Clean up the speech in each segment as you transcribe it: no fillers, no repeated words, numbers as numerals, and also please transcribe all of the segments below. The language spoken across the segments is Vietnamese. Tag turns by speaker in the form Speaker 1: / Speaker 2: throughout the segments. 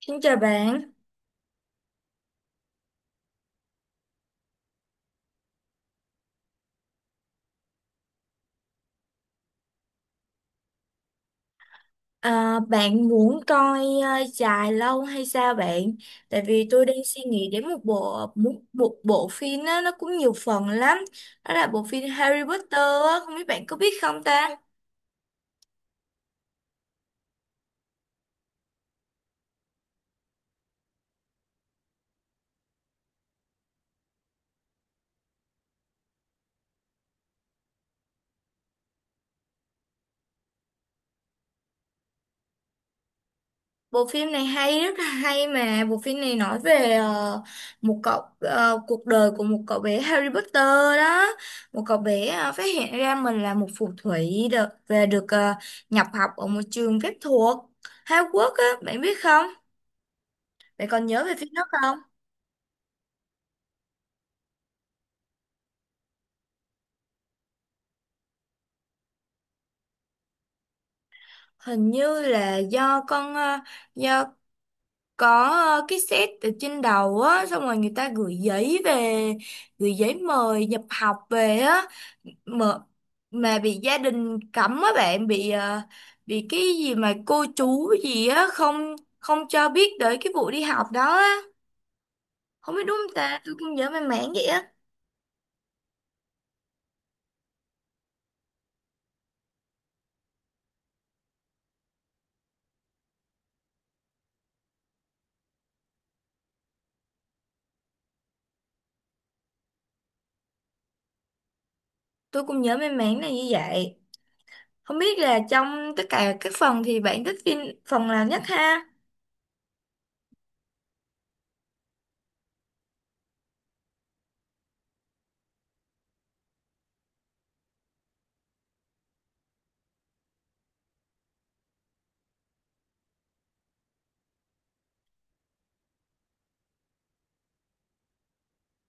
Speaker 1: Xin chào bạn. À, bạn muốn coi dài lâu hay sao bạn? Tại vì tôi đang suy nghĩ đến một bộ phim á, nó cũng nhiều phần lắm. Đó là bộ phim Harry Potter á, không biết bạn có biết không ta? Bộ phim này hay, rất là hay, mà bộ phim này nói về cuộc đời của một cậu bé Harry Potter đó. Một cậu bé phát hiện ra mình là một phù thủy, được nhập học ở một trường phép thuật Hogwarts á, bạn biết không? Vậy còn nhớ về phim đó không? Hình như là do có cái set ở trên đầu á, xong rồi người ta gửi giấy mời nhập học về á, mà mà bị gia đình cấm á bạn, bị cái gì mà cô chú gì á không không cho biết tới cái vụ đi học đó á. Không biết đúng không ta? Tôi cũng nhớ mang máng vậy á. Tôi cũng nhớ mang máng là như vậy. Không biết là trong tất cả các phần thì bạn thích phim phần nào nhất ha?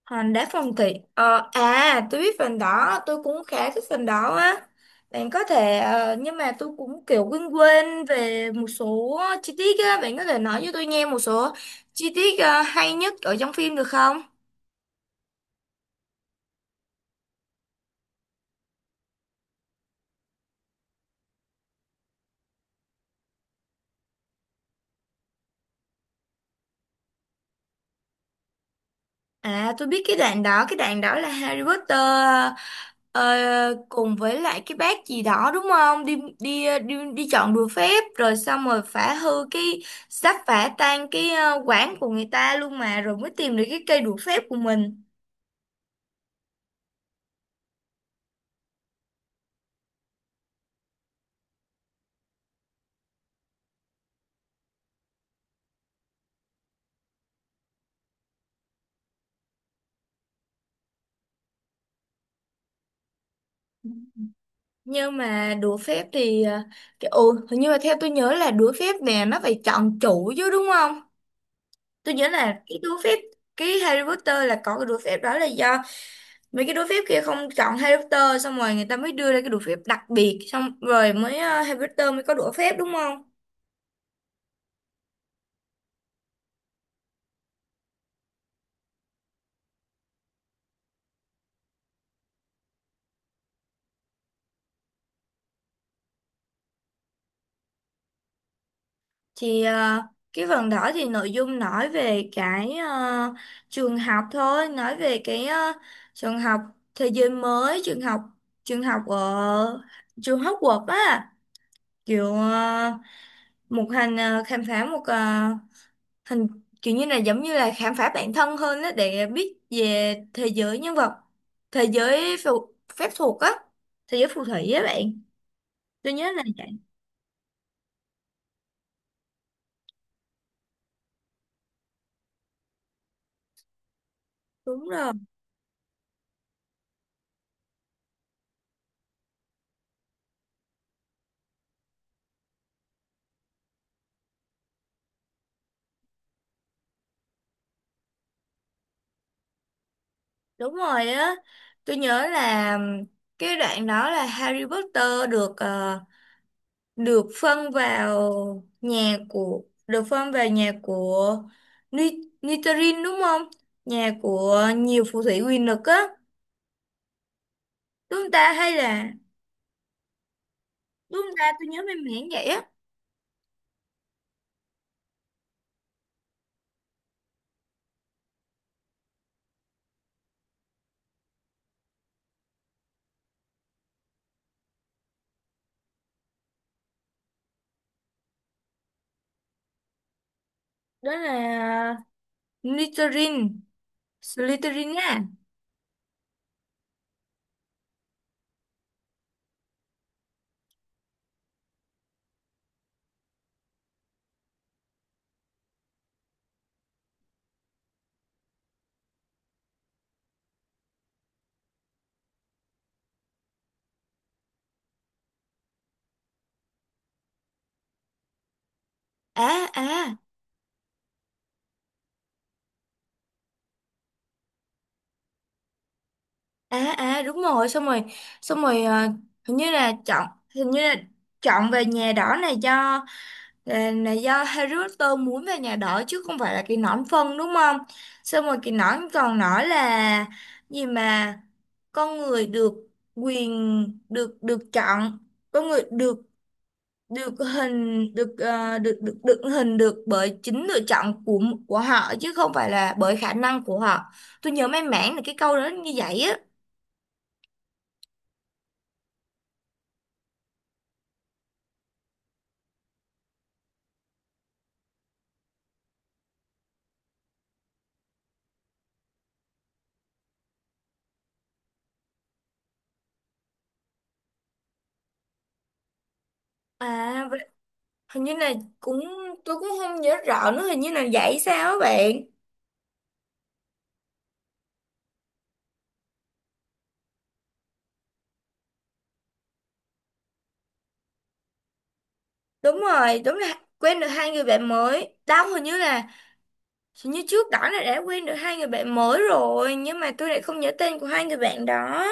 Speaker 1: Hành đá phong thủy. Ờ, À, tôi biết phần đó, tôi cũng khá thích phần đó á. Bạn có thể, ờ, Nhưng mà tôi cũng kiểu quên quên về một số chi tiết á. Bạn có thể nói cho tôi nghe một số chi tiết hay nhất ở trong phim được không? À, tôi biết cái đoạn đó. Cái đoạn đó là Harry Potter ờ, cùng với lại cái bác gì đó đúng không, đi chọn đùa phép, rồi xong rồi phá hư cái sắp phá tan cái quán của người ta luôn mà, rồi mới tìm được cái cây đũa phép của mình. Nhưng mà đũa phép thì ồ, hình như là theo tôi nhớ là đũa phép nè, nó phải chọn chủ chứ đúng không? Tôi nhớ là cái đũa phép. Cái Harry Potter là có cái đũa phép đó là do mấy cái đũa phép kia không chọn Harry Potter, xong rồi người ta mới đưa ra cái đũa phép đặc biệt, xong rồi mới Harry Potter mới có đũa phép đúng không? Thì cái phần đó thì nội dung nói về cái trường học thôi, nói về cái trường học, thế giới mới, trường học, trường học ở trường Hogwarts á, kiểu một hành khám phá một hình, kiểu như là giống như là khám phá bản thân hơn đó, để biết về thế giới nhân vật, thế giới phù, phép thuật á, thế giới phù thủy á bạn. Tôi nhớ là vậy. Đúng rồi, đúng rồi á. Tôi nhớ là cái đoạn đó là Harry Potter được phân vào nhà của Slytherin đúng không? Nhà của nhiều phù thủy quyền lực á, đúng không ta, hay là đúng không ta? Tôi nhớ mềm mẻn vậy á. Đó là Slytherin, Slytherin á. À, à, à, à, đúng rồi, xong rồi, hình như là chọn hình như là chọn về nhà đỏ này, do là do Harry Potter muốn về nhà đỏ, chứ không phải là cái nón phân, đúng không? Xong rồi cái nón còn nói là gì mà, con người được quyền được được chọn, con người được được hình được ờ, được được được hình được bởi chính lựa chọn của họ, chứ không phải là bởi khả năng của họ. Tôi nhớ may mắn là cái câu đó như vậy á. À vậy- hình như là cũng Tôi cũng không nhớ rõ nữa, hình như là vậy sao á bạn? Đúng rồi, đúng là quen được hai người bạn mới đâu. Hình như trước đó là đã quen được hai người bạn mới rồi, nhưng mà tôi lại không nhớ tên của hai người bạn đó.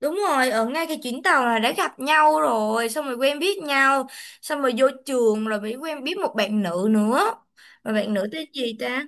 Speaker 1: Đúng rồi, ở ngay cái chuyến tàu là đã gặp nhau rồi, xong rồi quen biết nhau, xong rồi vô trường rồi mới quen biết một bạn nữ nữa. Mà bạn nữ tên gì ta?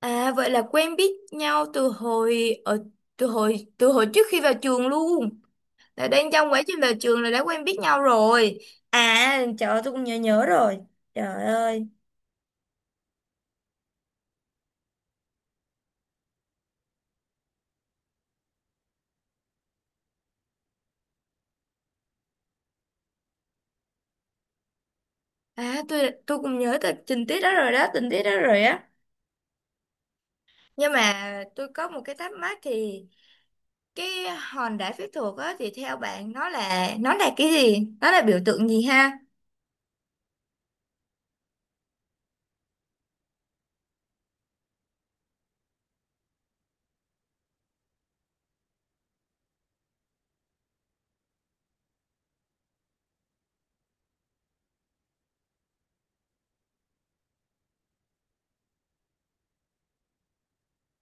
Speaker 1: À vậy là quen biết nhau từ hồi ở từ hồi trước khi vào trường luôn. Là đang trong quá trình vào trường là đã quen biết nhau rồi. À, trời ơi, tôi cũng nhớ nhớ rồi. Trời ơi. À, tôi cũng nhớ tình tình tiết đó rồi đó, tình tiết đó rồi á. Nhưng mà tôi có một cái thắc mắc thì, cái hòn đá phép thuật á, thì theo bạn nó là cái gì, nó là biểu tượng gì ha?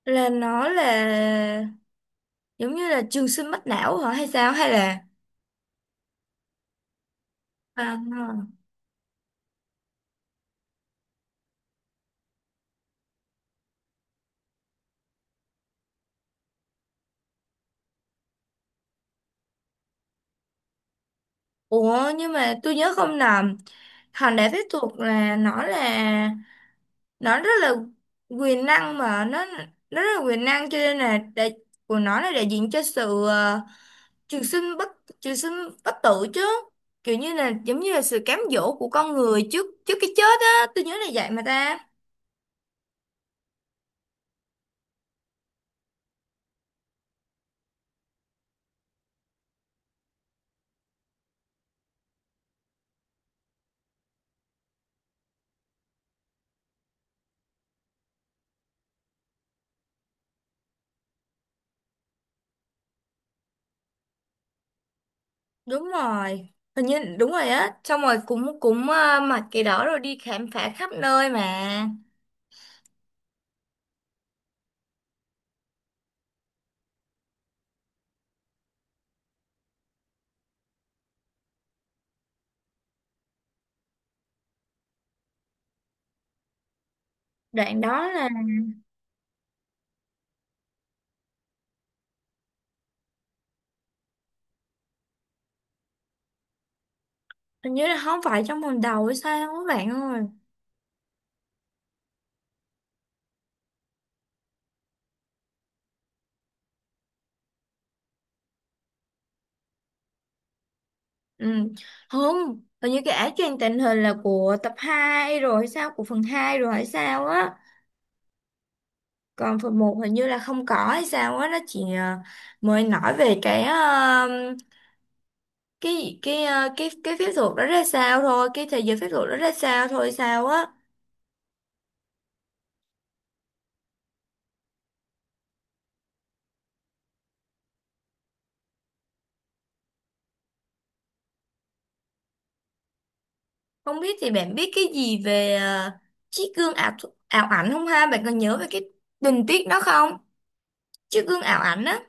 Speaker 1: Nó là giống như là trường sinh bất lão hả, hay sao, hay là... À, à. Ủa, nhưng mà tôi nhớ không nhầm, hòn đá phép thuật là nó rất là quyền năng, mà nó rất là quyền năng, cho nên là của nó là đại diện cho sự trường sinh bất trường sinh bất tử chứ, kiểu như là giống như là sự cám dỗ của con người trước trước cái chết á. Tôi nhớ là vậy mà ta. Đúng rồi, hình như đúng rồi á, xong rồi cũng cũng mặc cái đó rồi đi khám phá khắp nơi mà. Đoạn đó là, hình như là không phải trong phần đầu hay sao các bạn ơi? Ừ, không, hình như cái áo choàng tình hình là của tập 2 rồi hay sao, của phần 2 rồi hay sao á. Còn phần một hình như là không có hay sao á, nó chỉ mới nói về cái phép thuật đó ra sao thôi, cái thế giới phép thuật đó ra sao thôi sao á. Không biết thì bạn biết cái gì về chiếc gương ảo ảnh không ha, bạn còn nhớ về cái tình tiết đó không? Chiếc gương ảo ảnh á.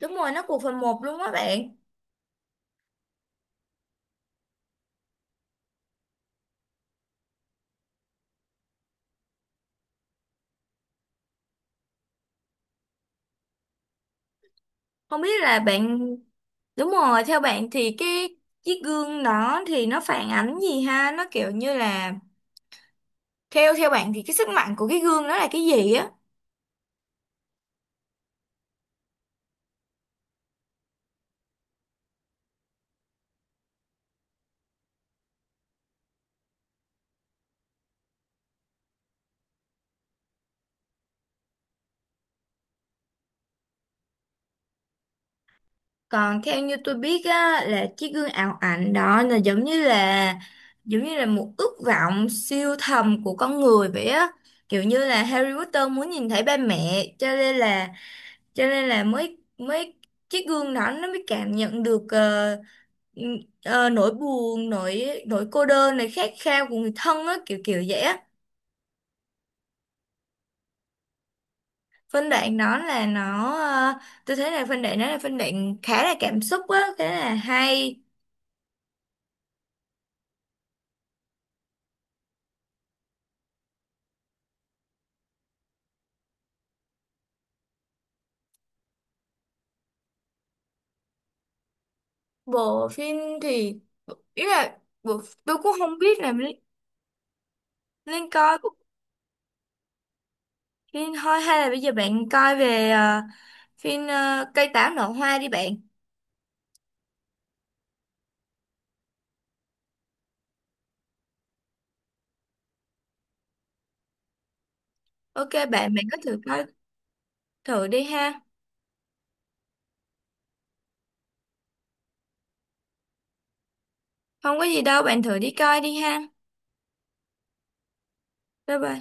Speaker 1: Đúng rồi, nó của phần một luôn á bạn. Không biết là bạn, đúng rồi, theo bạn thì cái chiếc gương đó thì nó phản ánh gì ha, nó kiểu như là... Theo theo bạn thì cái sức mạnh của cái gương đó là cái gì á? Còn theo như tôi biết á, là chiếc gương ảo ảnh đó là giống như là, một ước vọng siêu thầm của con người vậy á. Kiểu như là Harry Potter muốn nhìn thấy ba mẹ, cho nên là mới mới chiếc gương đó nó mới cảm nhận được ừ, nỗi buồn, nỗi nỗi cô đơn này, khát khao của người thân á, kiểu kiểu vậy á. Phân đoạn đó là nó ờ, Tôi thấy là phân đoạn đó là phân đoạn khá là cảm xúc á, khá là hay. Bộ phim thì, ý là tôi cũng không biết là Linh coi bộ phim thôi, hay là bây giờ bạn coi về phim cây táo nở hoa đi bạn. OK bạn bạn có thử coi, thử đi ha. Không có gì đâu bạn, thử đi coi đi ha. Bye bye.